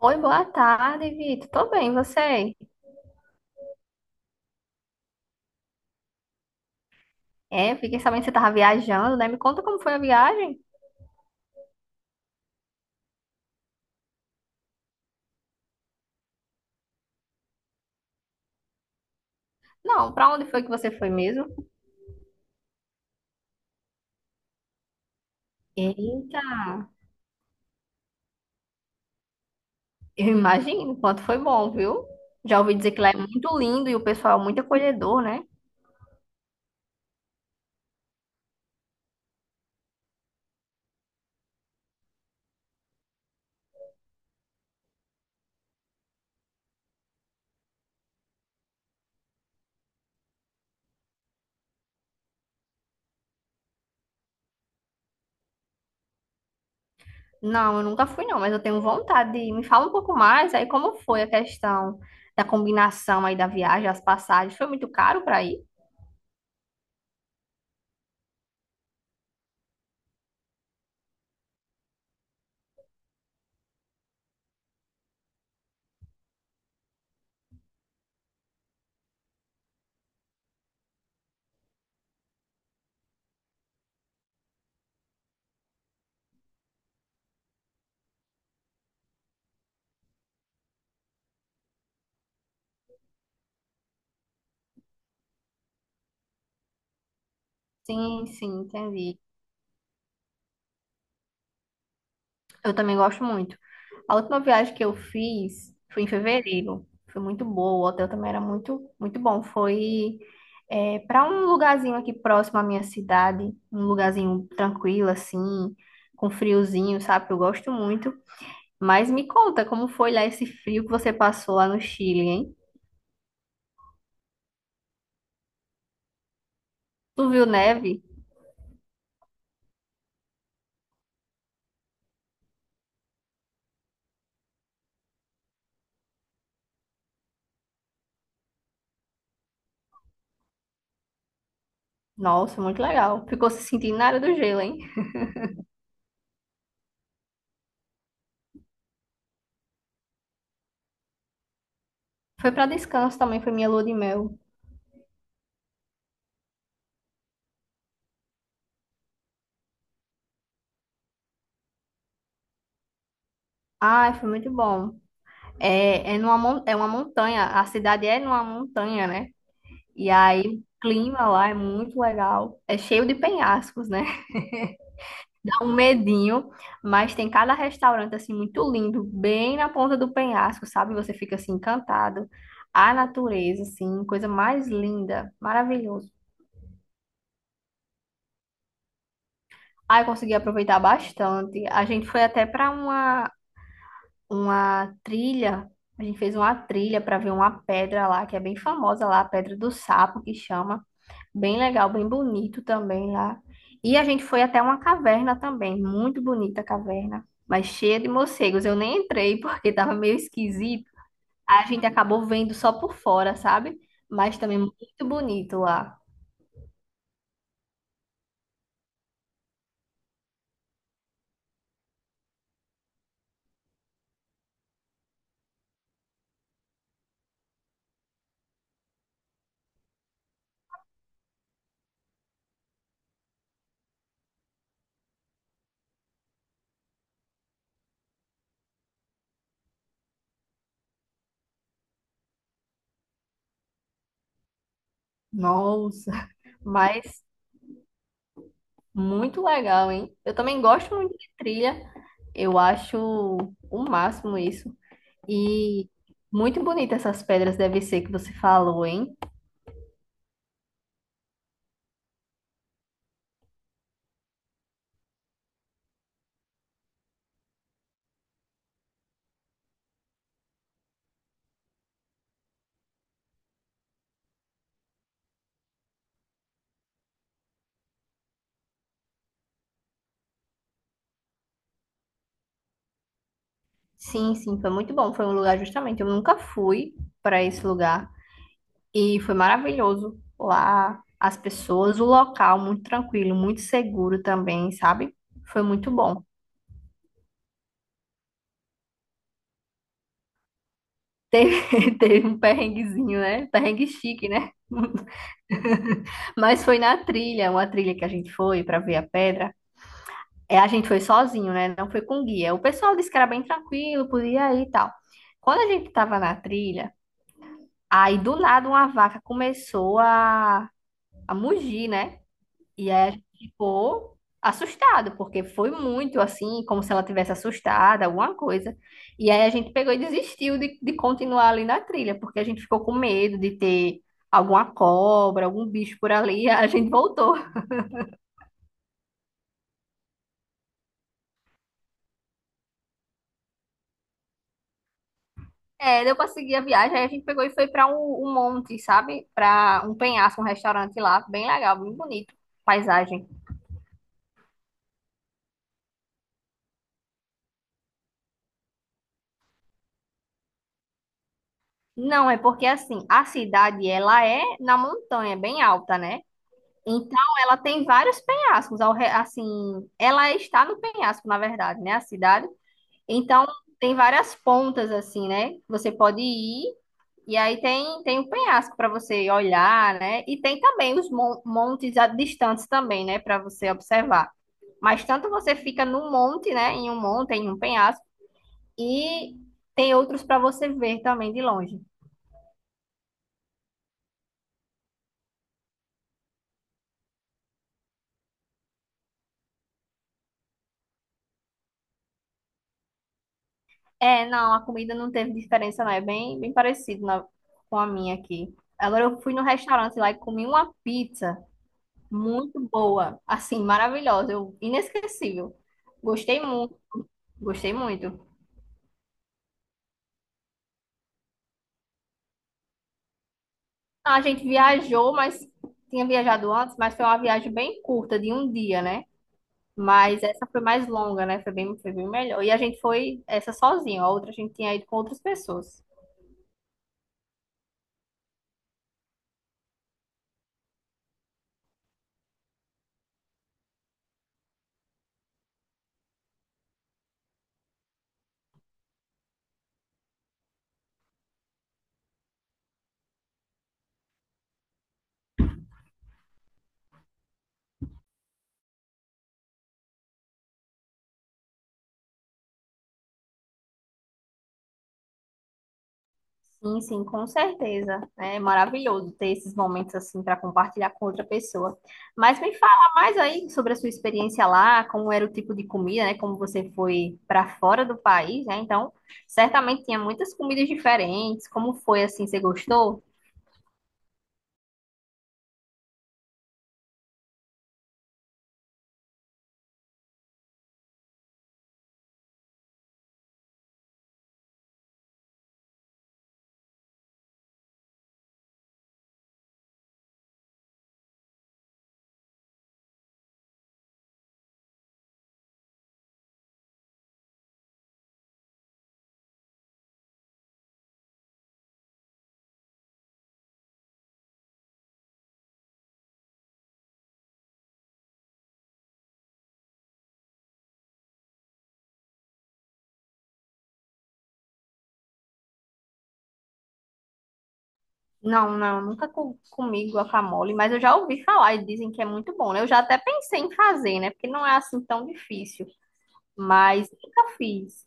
Oi, boa tarde, Vitor. Tô bem, e você? É, fiquei sabendo que você tava viajando, né? Me conta como foi a viagem. Não, pra onde foi que você foi mesmo? Eita, eu imagino o quanto foi bom, viu? Já ouvi dizer que lá é muito lindo e o pessoal é muito acolhedor, né? Não, eu nunca fui não, mas eu tenho vontade de ir. Me fala um pouco mais aí como foi a questão da combinação aí da viagem, as passagens. Foi muito caro pra ir? Sim, sim, entendi. Eu também gosto muito. A última viagem que eu fiz foi em fevereiro. Foi muito boa. O hotel também era muito, muito bom. Foi para um lugarzinho aqui próximo à minha cidade, um lugarzinho tranquilo, assim, com friozinho, sabe? Eu gosto muito. Mas me conta como foi lá esse frio que você passou lá no Chile, hein? Tu viu neve? Nossa, muito legal. Ficou se sentindo na área do gelo, hein? Foi para descanso também, foi minha lua de mel. Ai, foi muito bom. É uma montanha, a cidade é numa montanha, né? E aí o clima lá é muito legal, é cheio de penhascos, né? Dá um medinho, mas tem cada restaurante assim muito lindo, bem na ponta do penhasco, sabe? Você fica assim encantado. A natureza, assim, coisa mais linda, maravilhoso. Aí eu consegui aproveitar bastante. A gente foi até para uma trilha, a gente fez uma trilha para ver uma pedra lá, que é bem famosa lá, a Pedra do Sapo, que chama. Bem legal, bem bonito também lá. E a gente foi até uma caverna também, muito bonita a caverna, mas cheia de morcegos. Eu nem entrei porque estava meio esquisito. A gente acabou vendo só por fora, sabe? Mas também muito bonito lá. Nossa, mas muito legal, hein? Eu também gosto muito de trilha. Eu acho o máximo isso. E muito bonita essas pedras deve ser que você falou, hein? Sim, sim, foi muito bom. Foi um lugar justamente. Eu nunca fui para esse lugar e foi maravilhoso lá. As pessoas, o local muito tranquilo, muito seguro também, sabe? Foi muito bom. Teve, teve um perrenguezinho, né? Perrengue chique, né? Mas foi na trilha, uma trilha que a gente foi para ver a pedra. É, a gente foi sozinho, né? Não foi com guia. O pessoal disse que era bem tranquilo, podia ir e tal. Quando a gente tava na trilha, aí do nada uma vaca começou a mugir, né? E aí a gente ficou assustado, porque foi muito assim, como se ela tivesse assustada, alguma coisa. E aí a gente pegou e desistiu de continuar ali na trilha, porque a gente ficou com medo de ter alguma cobra, algum bicho por ali. A gente voltou. É, deu pra seguir a viagem, aí a gente pegou e foi pra um monte, sabe? Pra um penhasco, um restaurante lá, bem legal, bem bonito, paisagem. Não, é porque assim, a cidade ela é na montanha, bem alta, né? Então, ela tem vários penhascos, assim, ela está no penhasco, na verdade, né, a cidade. Então, tem várias pontas, assim, né, que você pode ir, e aí tem, tem o penhasco para você olhar, né, e tem também os montes distantes também, né, para você observar. Mas tanto você fica num monte, né, em um monte, em um penhasco, e tem outros para você ver também de longe. É, não, a comida não teve diferença, não. É bem, bem parecido com a minha aqui. Agora eu fui no restaurante lá e comi uma pizza muito boa, assim, maravilhosa, inesquecível. Gostei muito, gostei muito. A gente viajou, mas tinha viajado antes, mas foi uma viagem bem curta, de um dia, né? Mas essa foi mais longa, né? Foi bem melhor. E a gente foi essa sozinho, a outra a gente tinha ido com outras pessoas. Sim, sim, com certeza. É maravilhoso ter esses momentos assim para compartilhar com outra pessoa. Mas me fala mais aí sobre a sua experiência lá, como era o tipo de comida, né? Como você foi para fora do país, né? Então, certamente tinha muitas comidas diferentes. Como foi assim? Você gostou? Não, não, nunca comi guacamole, mas eu já ouvi falar e dizem que é muito bom, né? Eu já até pensei em fazer, né? Porque não é assim tão difícil, mas nunca fiz.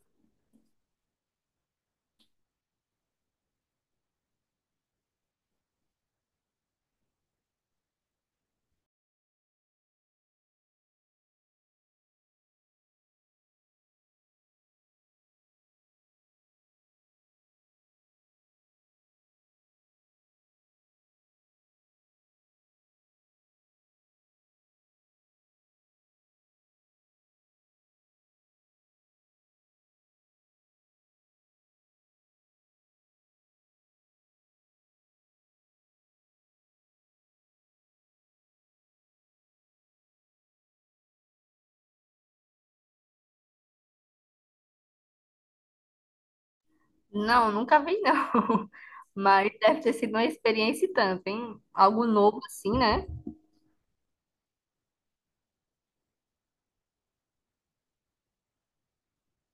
Não, nunca vi não. Mas deve ter sido uma experiência e tanto, hein? Algo novo assim, né?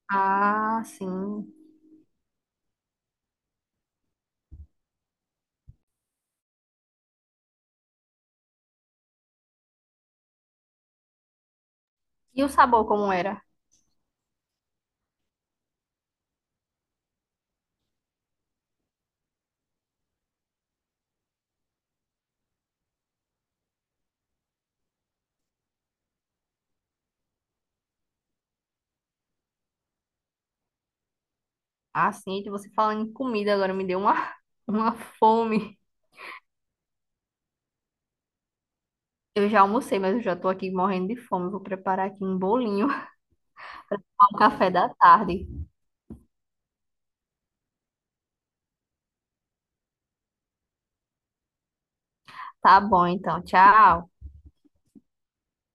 Ah, sim. E o sabor como era? Ah, sim, de você falando em comida agora me deu uma, uma fome. Eu já almocei, mas eu já tô aqui morrendo de fome. Vou preparar aqui um bolinho ao café da tarde. Tá bom, então. Tchau.